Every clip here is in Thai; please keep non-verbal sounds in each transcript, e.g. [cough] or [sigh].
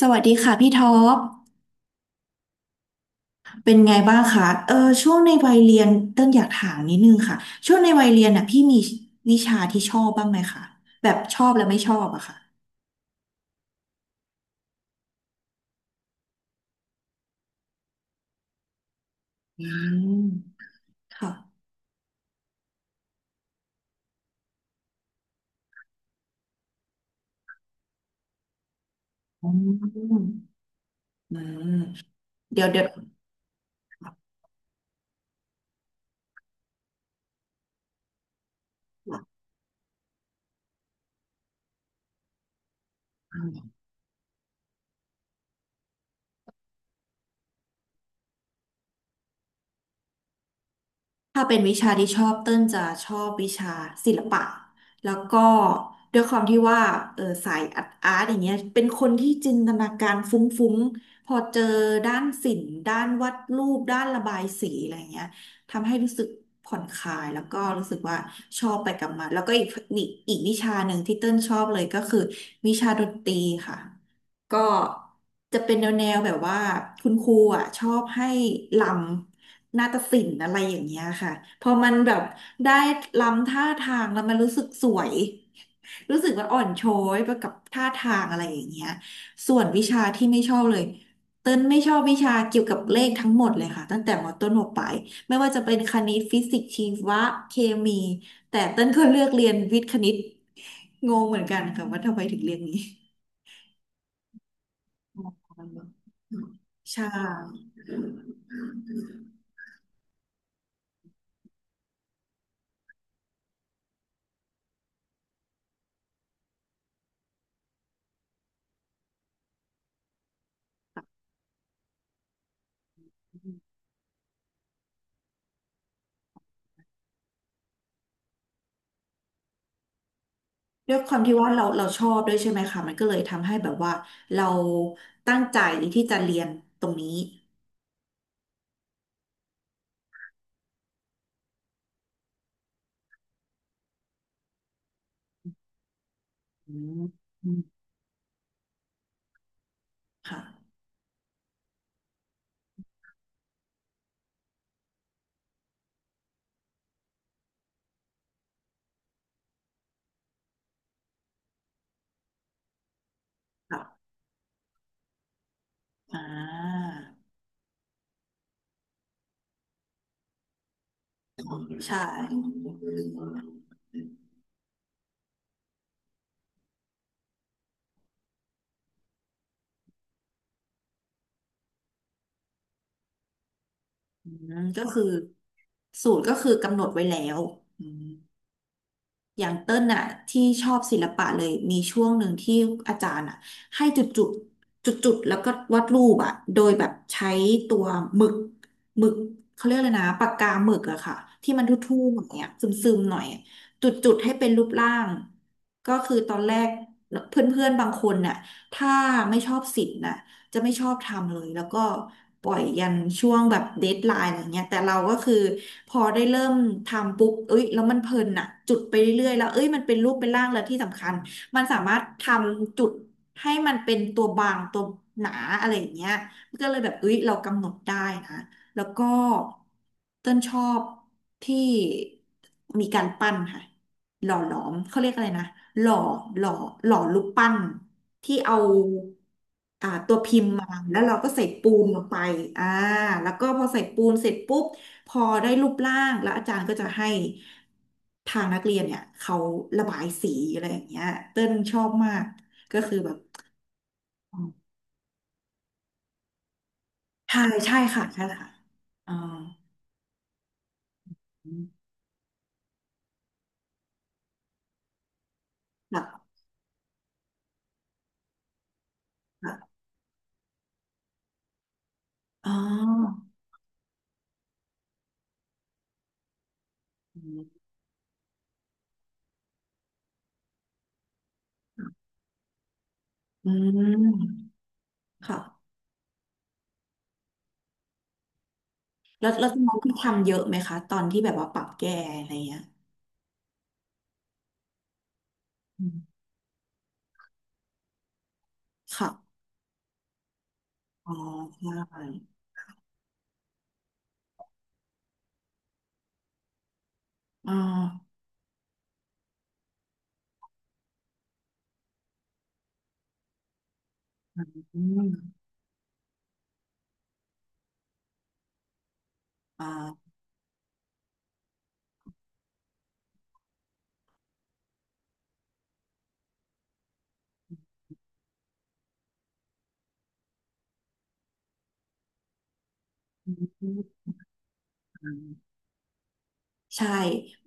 สวัสดีค่ะพี่ท็อป เป็นไงบ้างคะช่วงในวัยเรียนเต้นอยากถามนิดนึงค่ะ ช่วงในวัยเรียนน่ะพี่มีวิชาที่ชอบบ้างไหมคะ แบบชอบและไม่ชอบอะค่ะ อืม ค่ะ อืมอืมอืมเดี๋ยวเดี๋ยว ถ้าเป็นวิชาที่ชอบเต้นจะชอบวิชาศิลปะแล้วก็ด้วยความที่ว่าสายอาร์ตอาร์ตอย่างเงี้ยเป็นคนที่จินตนาการฟุ้งๆพอเจอด้านศิลป์ด้านวาดรูปด้านระบายสีอะไรเงี้ยทำให้รู้สึกผ่อนคลายแล้วก็รู้สึกว่าชอบไปกับมันแล้วก็อีกวิชาหนึ่งที่เต้นชอบเลยก็คือวิชาดนตรีค่ะ ก็จะเป็นแนวแนวแบบว่าคุณครูอ่ะชอบให้ลำนาฏศิลป์อะไรอย่างเงี้ยค่ะพอมันแบบได้ลำท่าทางแล้วมันรู้สึกสวยรู้สึกว่าอ่อนช้อยไปกับท่าทางอะไรอย่างเงี้ยส่วนวิชาที่ไม่ชอบเลยเต้นไม่ชอบวิชาเกี่ยวกับเลขทั้งหมดเลยค่ะตั้งแต่มต้นมปลายไม่ว่าจะเป็นคณิตฟิสิกส์ชีวะเคมีแต่เต้นก็เลือกเรียนวิทย์คณิตงงเหมือนกันค่ะว่าทำไมถึงเรียนนี้ ใช่ด้วยความที่ว่าเราชอบด้วยใช่ไหมคะมันก็เลยทำให้แบบว่าเราตั้งใจที่จะเรียนตรงนี้อืมอืมค่ะค่ะอ่าใช่อืมก็คือสูตรก็คือกำหนดไว้แล้วอืม อย่างเต้นน่ะที่ชอบศิลปะเลยมีช่วงหนึ่งที่อาจารย์อ่ะให้จุดจุดจุดจุดๆแล้วก็วาดรูปอ่ะโดยแบบใช้ตัวหมึกหมึกเขาเรียกเลยนะปากกาหมึกอะค่ะที่มันทุ่มๆหน่อยอะซึมๆหน่อยอะจุดจุดให้เป็นรูปร่างก็คือตอนแรกเพื่อนๆบางคนน่ะถ้าไม่ชอบศิลป์น่ะ จะไม่ชอบทำเลยแล้วก็ปล่อยยันช่วงแบบเดดไลน์อะไรเงี้ยแต่เราก็คือพอได้เริ่มทำปุ๊บเอ้ยแล้วมันเพลินอะจุดไปเรื่อยๆแล้วเอ้ยมันเป็นรูปเป็นร่างแล้วที่สำคัญมันสามารถทำจุดให้มันเป็นตัวบางตัวหนาอะไรอย่างเงี้ยก็เลยแบบเอ้ยเรากำหนดได้นะแล้วก็เต้นชอบที่มีการปั้นค่ะ หล่อหลอมเขาเรียกอะไรนะหล่อหล่อหล่อรูปปั้นที่เอาอ่าตัวพิมพ์มาแล้วเราก็ใส่ปูนลงไปอ่าแล้วก็พอใส่ปูนเสร็จปุ๊บพอได้รูปร่างแล้วอาจารย์ก็จะให้ทางนักเรียนเนี่ยเขาระบายสีอะไรอย่างเงี้ยเต้นชอบมากก็คือแบบใช่ใช่ค่ะใช่ค่ะอ่าหลักหลักอ๋ออืมค่ะ แล้วแล้วตอนนั้นคือทำเยอะไหมคะตอนที่แบบว่าปรับแก้อะไรเงี้ยอืมค่ะ อ๋อ ใช่อ๋ออืมอ่าอืมใช่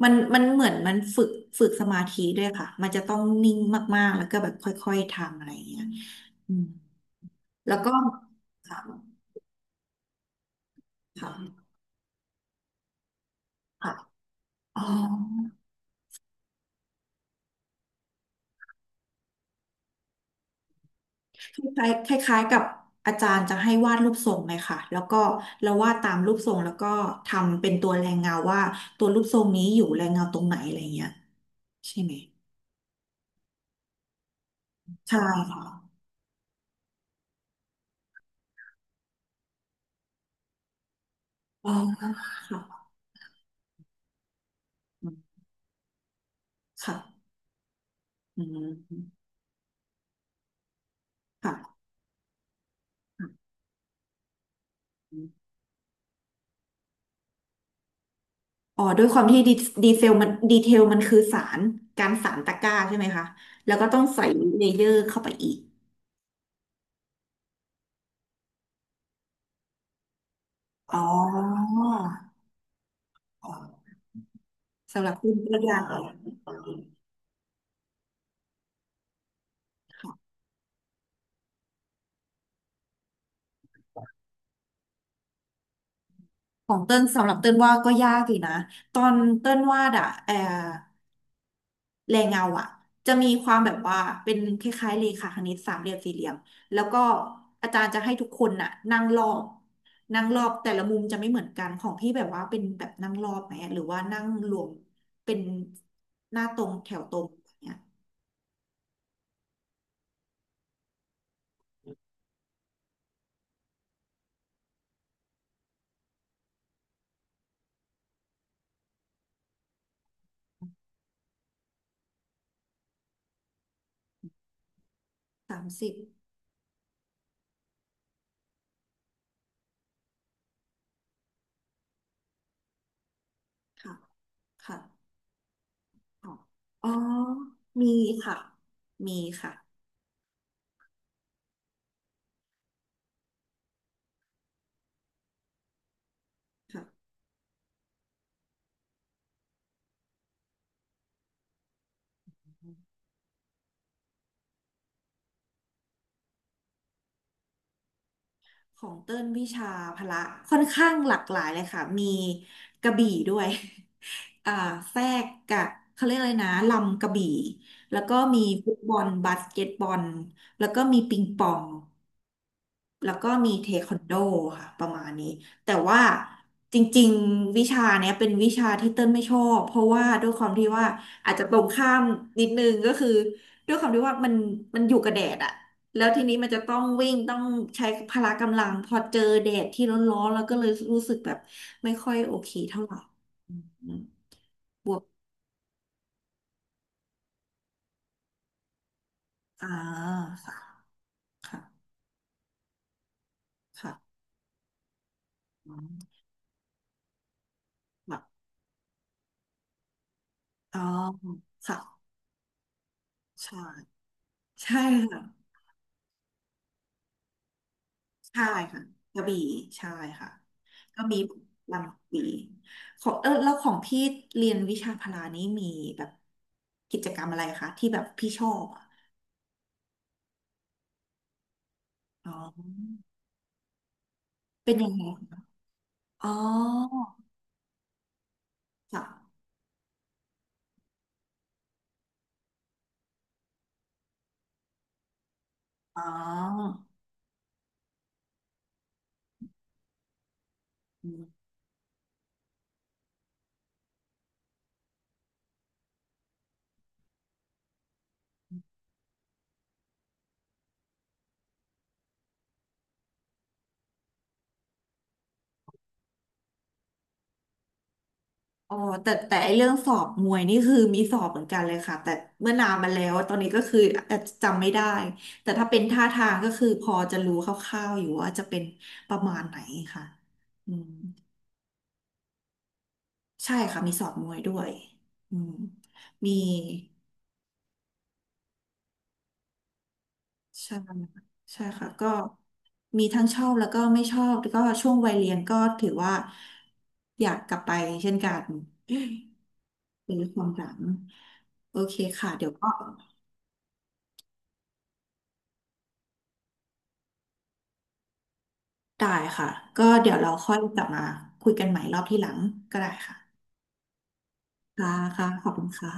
มันเหมือนมันฝึกสมาธิด้วยค่ะ มันจะต้องนิ่งมากๆ แล้วก็แบบค่อยๆ ทำอะไรเงี้ยอืมแล้วก็ค่ะค่ะค่ะอ๋อ คล้ายคล้ายคล้ายๆกับอาจารย์จะให้วาดรูปทรงเลยค่ะแล้วก็เราวาดตามรูปทรงแล้วก็ทำเป็นตัวแรงเงาว่าตัวรูปทรงนี้อยู่แรงเงาตรงไหนอะไรเงี้ยใช่ไหมใช่ค่ะอ๋อค่ะอืมค่ะอืมค่ะค่ะอืมอ๋อด้วยความที่ดีดีเซลมันดีเทลมันคือสารการสารตะกร้าใช่ไหมคะแล้วก็ต้องใส่เลเยอร์เข้าไปอีกอ๋อสำหรับคุณก็ยากค่ะ ของเติ้ลสำหรับเติ้ลว่าก็ยากอยู่นะตอนเติ้นวาดอะแออแรงเงาอะจะมีความแบบว่าเป็นคล้ายๆเลขาคณิตสามเหลี่ยมสี่เหลี่ยมแล้วก็อาจารย์จะให้ทุกคนน่ะนั่งรอบแต่ละมุมจะไม่เหมือนกันของพี่แบบว่าเป็นแบบนั่งรอบไหมหรือว่านั่งรวมเป็นหน้าตรงแถวตรงอย่างเงี้ย30ค่ะค่ะอ๋ออ๋อมีค่ะมีค่ะค่ะ ของเต้นวิชาพละค่อนข้างหลากหลายเลยค่ะมีกระบี่ด้วย [laughs] อ่าแทรกกับเขาเรียกอะไรนะลำกระบี่แล้วก็มีฟุตบอลบาสเกตบอลแล้วก็มีปิงปอง แล้วก็มีเทควันโดค่ะประมาณนี้แต่ว่าจริงๆวิชาเนี้ยเป็นวิชาที่เติ้ลไม่ชอบเพราะว่าด้วยความที่ว่าอาจจะตรงข้ามนิดนึงก็คือด้วยความที่ว่ามันมันอยู่กับแดดอะแล้วทีนี้มันจะต้องวิ่งต้องใช้พละกำลังพอเจอแดดที่ร้อนๆแล้วก็เลยรู้สึกแบบไม่ค่อยโอเคเท่าไหร่อืมบวกอ่าค่ะค่ะค่ะอืมแบบอ๋อค่ะใช่ใช่ค่ะ ใช่ค่ะกระบี่ใช่ค่ะก็มีลำกระบี่ของเออแล้วของพี่เรียนวิชาพละนี้มีแบบกิจกรรมอะไรคะที่แบบพี่ชอบอะอ๋อเป็นยังไงคะอ๋อค่ะอ๋ออืมอ๋อแต่ไอเรื่องสอบมวยนี่คือมีสอบเหมือนกันเลยค่ะแต่เมื่อนานมาแล้วตอนนี้ก็คืออาจจะจำไม่ได้แต่ถ้าเป็นท่าทางก็คือพอจะรู้คร่าวๆอยู่ว่าจะเป็นประมาณไหนค่ะอืม ใช่ค่ะมีสอนมวยด้วยอืมมีใช่ใช่ค่ะก็มีทั้งชอบแล้วก็ไม่ชอบแล้วก็ช่วงวัยเรียนก็ถือว่าอยากกลับไปเช่นกันเป็นความหลังโอเคค่ะเดี๋ยวก็ได้ค่ะก็เดี๋ยวเราค่อยกลับมาคุยกันใหม่รอบที่หลังก็ได้ค่ะค่ะค่ะขอบคุณค่ะ